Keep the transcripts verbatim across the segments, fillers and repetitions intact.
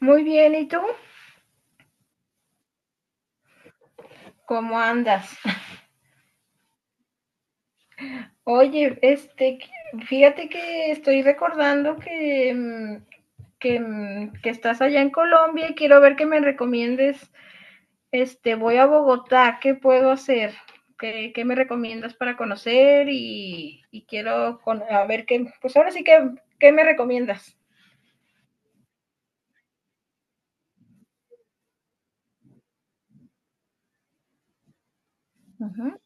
Muy bien, ¿y tú? ¿Cómo andas? Oye, este, fíjate que estoy recordando que, mm, que, mm, que estás allá en Colombia y quiero ver que me recomiendes, este, voy a Bogotá, ¿qué puedo hacer? ¿Qué, qué me recomiendas para conocer? Y, y quiero con- a ver qué, pues ahora sí que, ¿qué me recomiendas? Ujú.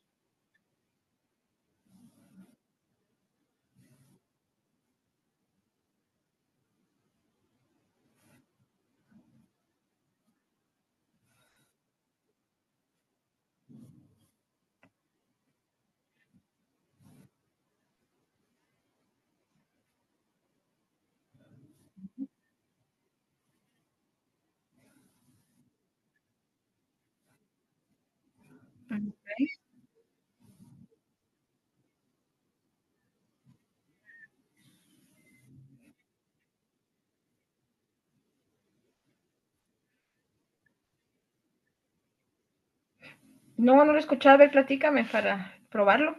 No, no lo he escuchado, a ver, platícame para probarlo.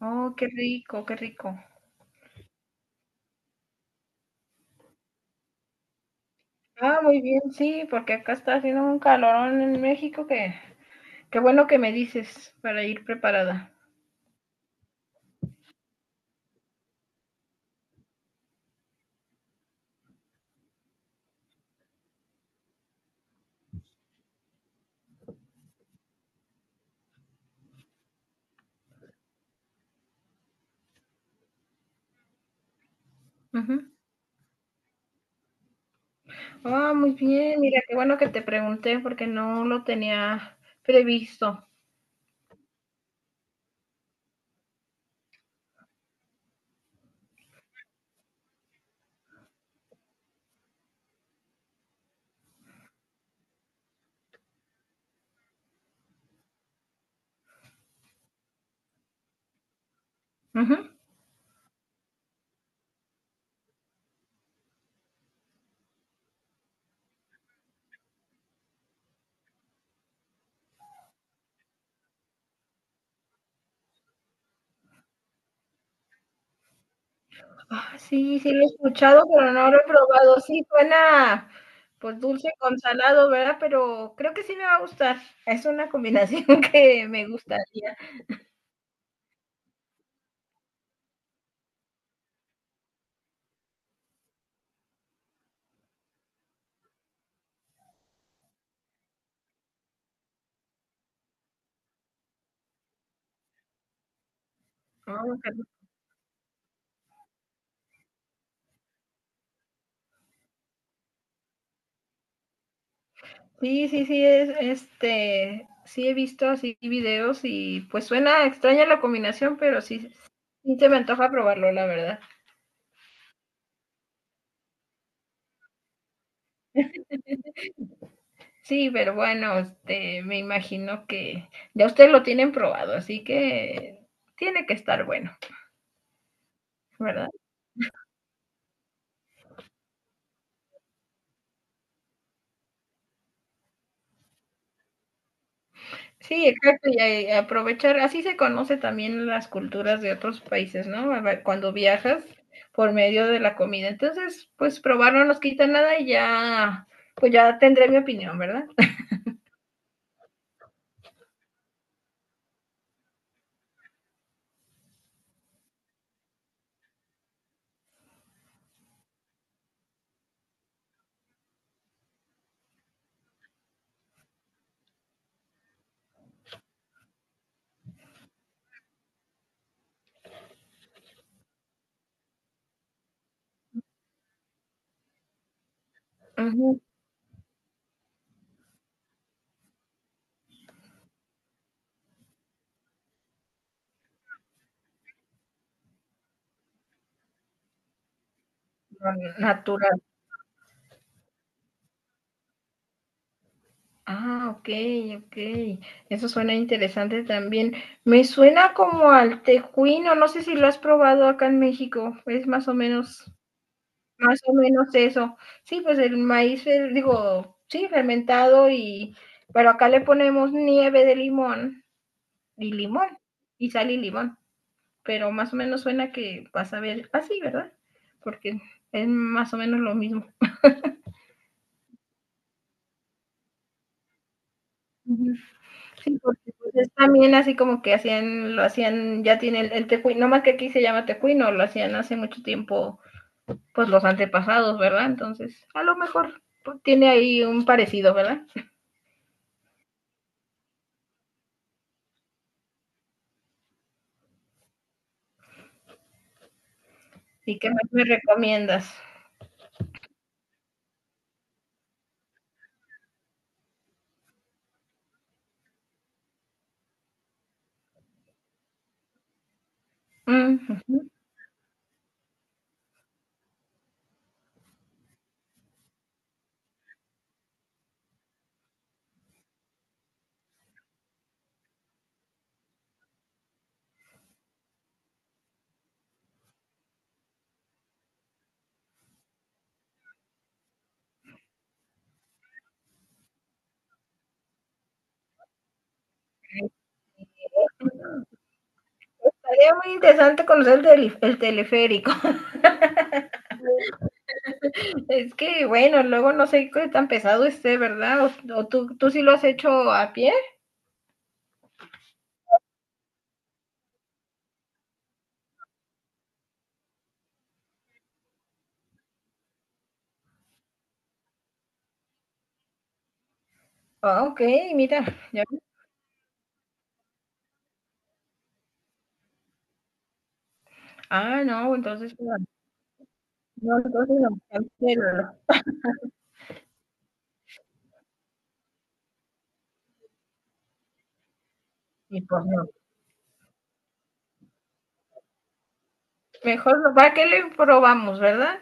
Oh, qué rico, qué rico. Ah, muy bien, sí, porque acá está haciendo un calorón en México que qué bueno que me dices para ir preparada. Ujú. Ah, muy bien, mira, qué bueno que te pregunté porque no lo tenía previsto. Ujú. Ah, sí, sí lo he escuchado, pero no lo he probado. Sí, suena pues dulce con salado, ¿verdad? Pero creo que sí me va a gustar. Es una combinación que me gustaría. Ah, qué. Sí, sí, sí, es, este, sí he visto así videos y pues suena extraña la combinación, pero sí, sí se me antoja probarlo, la verdad. Sí, pero bueno, este, me imagino que ya ustedes lo tienen probado, así que tiene que estar bueno, ¿verdad? Sí, exacto, y a- a aprovechar, así se conoce también las culturas de otros países, ¿no? A ver, cuando viajas por medio de la comida. Entonces, pues probar no nos quita nada y ya, pues ya tendré mi opinión, ¿verdad? Ah, natural. Ah, ok, ok. Eso suena interesante también. Me suena como al tejuino, no sé si lo has probado acá en México, es más o menos, más o menos eso. Sí, pues el maíz, eh, digo, sí, fermentado y, pero acá le ponemos nieve de limón y limón, y sal y limón, pero más o menos suena que vas a ver así, ¿verdad? Porque es más o menos lo mismo. Sí, porque pues, es también así como que hacían, lo hacían, ya tiene el, el tecuino, no más que aquí se llama tecuino, lo hacían hace mucho tiempo, pues los antepasados, ¿verdad? Entonces, a lo mejor pues, tiene ahí un parecido, ¿verdad? Y qué más me recomiendas. Mm, ujú. Sería muy interesante conocer el, tele- el teleférico. Es que, bueno, luego no sé qué tan pesado esté, ¿verdad? O, o tú, tú sí lo has hecho a pie. Ah, ok, mira. ya- Ah, no, entonces, bueno, no, entonces no, cancélalo. Y pues no. Mejor, no- ¿para qué le probamos, verdad?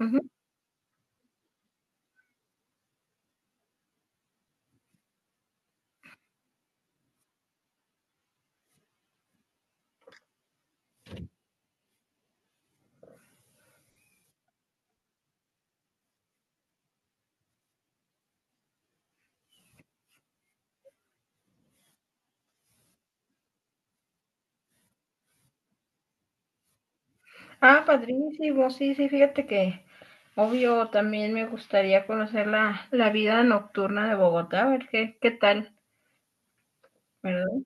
Ujú. Ah, padrísimo, sí, sí, fíjate que obvio también me gustaría conocer la, la vida nocturna de Bogotá, a ver qué, qué tal, ¿verdad?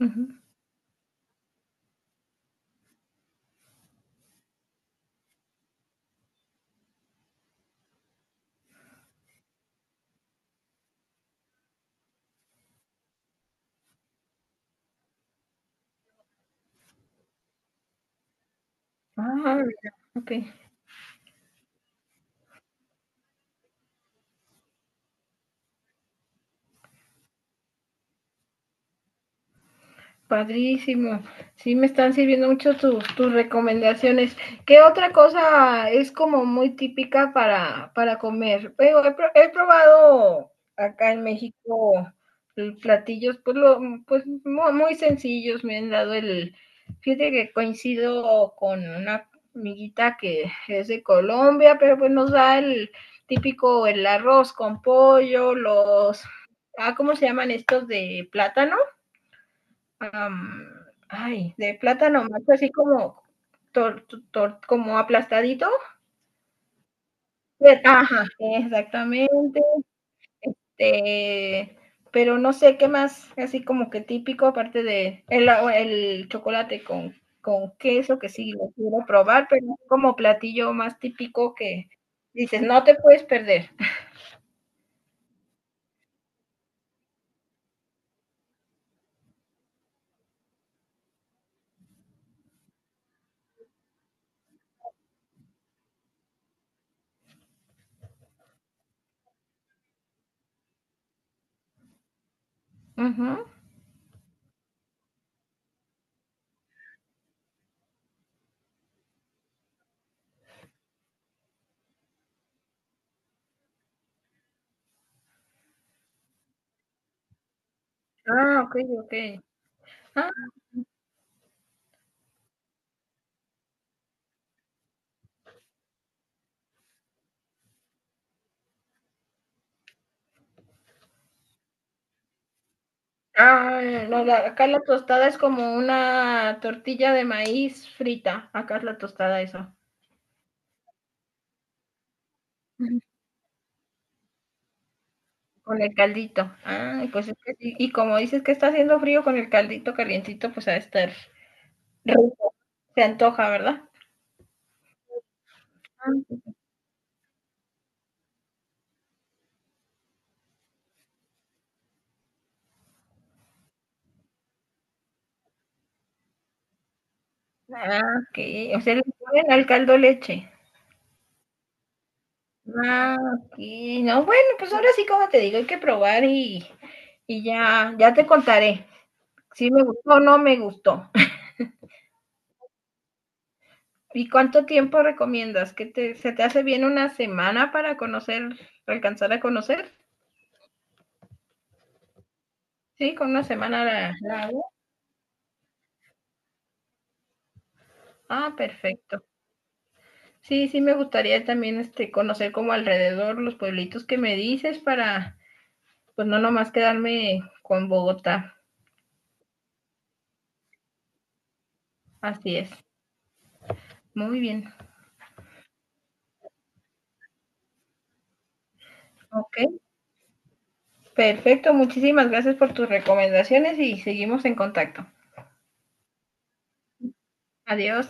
Ujú. Ah, mira, ok. Padrísimo. Sí, me están sirviendo mucho tus, tus recomendaciones. ¿Qué otra cosa es como muy típica para, para comer? Pero he, pro- he probado acá en México el platillos, pues, lo, pues mu- muy sencillos. Me han dado el... Fíjate que coincido con una amiguita que es de Colombia, pero pues nos da el típico, el arroz con pollo, los... Ah, ¿cómo se llaman estos de plátano? am, ay, de plátano macho, así como, tor- tor- como aplastadito. Pero, ajá, exactamente. eh, pero no sé qué más, así como que típico, aparte de el, el chocolate con, con queso, que sí lo quiero probar, pero es como platillo más típico que dices, no te puedes perder. Ujú. Ah, ok, ok. Ah, ah, no, la- acá la tostada es como una tortilla de maíz frita. Acá es la tostada eso, ujú, con el caldito. Ah, pues es que sí. Y como dices que está haciendo frío con el caldito calientito, pues ha de estar rico. Se antoja, ¿verdad? Ah, sí. Ah, ok. O sea, le ponen al caldo leche. Ah, ok. No, bueno, pues ahora sí, como te digo, hay que probar y, y ya, ya te contaré si me gustó o no me gustó. ¿Y cuánto tiempo recomiendas? ¿Que te, se te hace bien una semana para conocer, para alcanzar a conocer? Sí, con una semana la, la hago. Ah, perfecto. Sí, sí me gustaría también este conocer como alrededor los pueblitos que me dices para pues no nomás quedarme con Bogotá. Así es. Muy bien. Ok, perfecto. Muchísimas gracias por tus recomendaciones y seguimos en contacto. Adiós.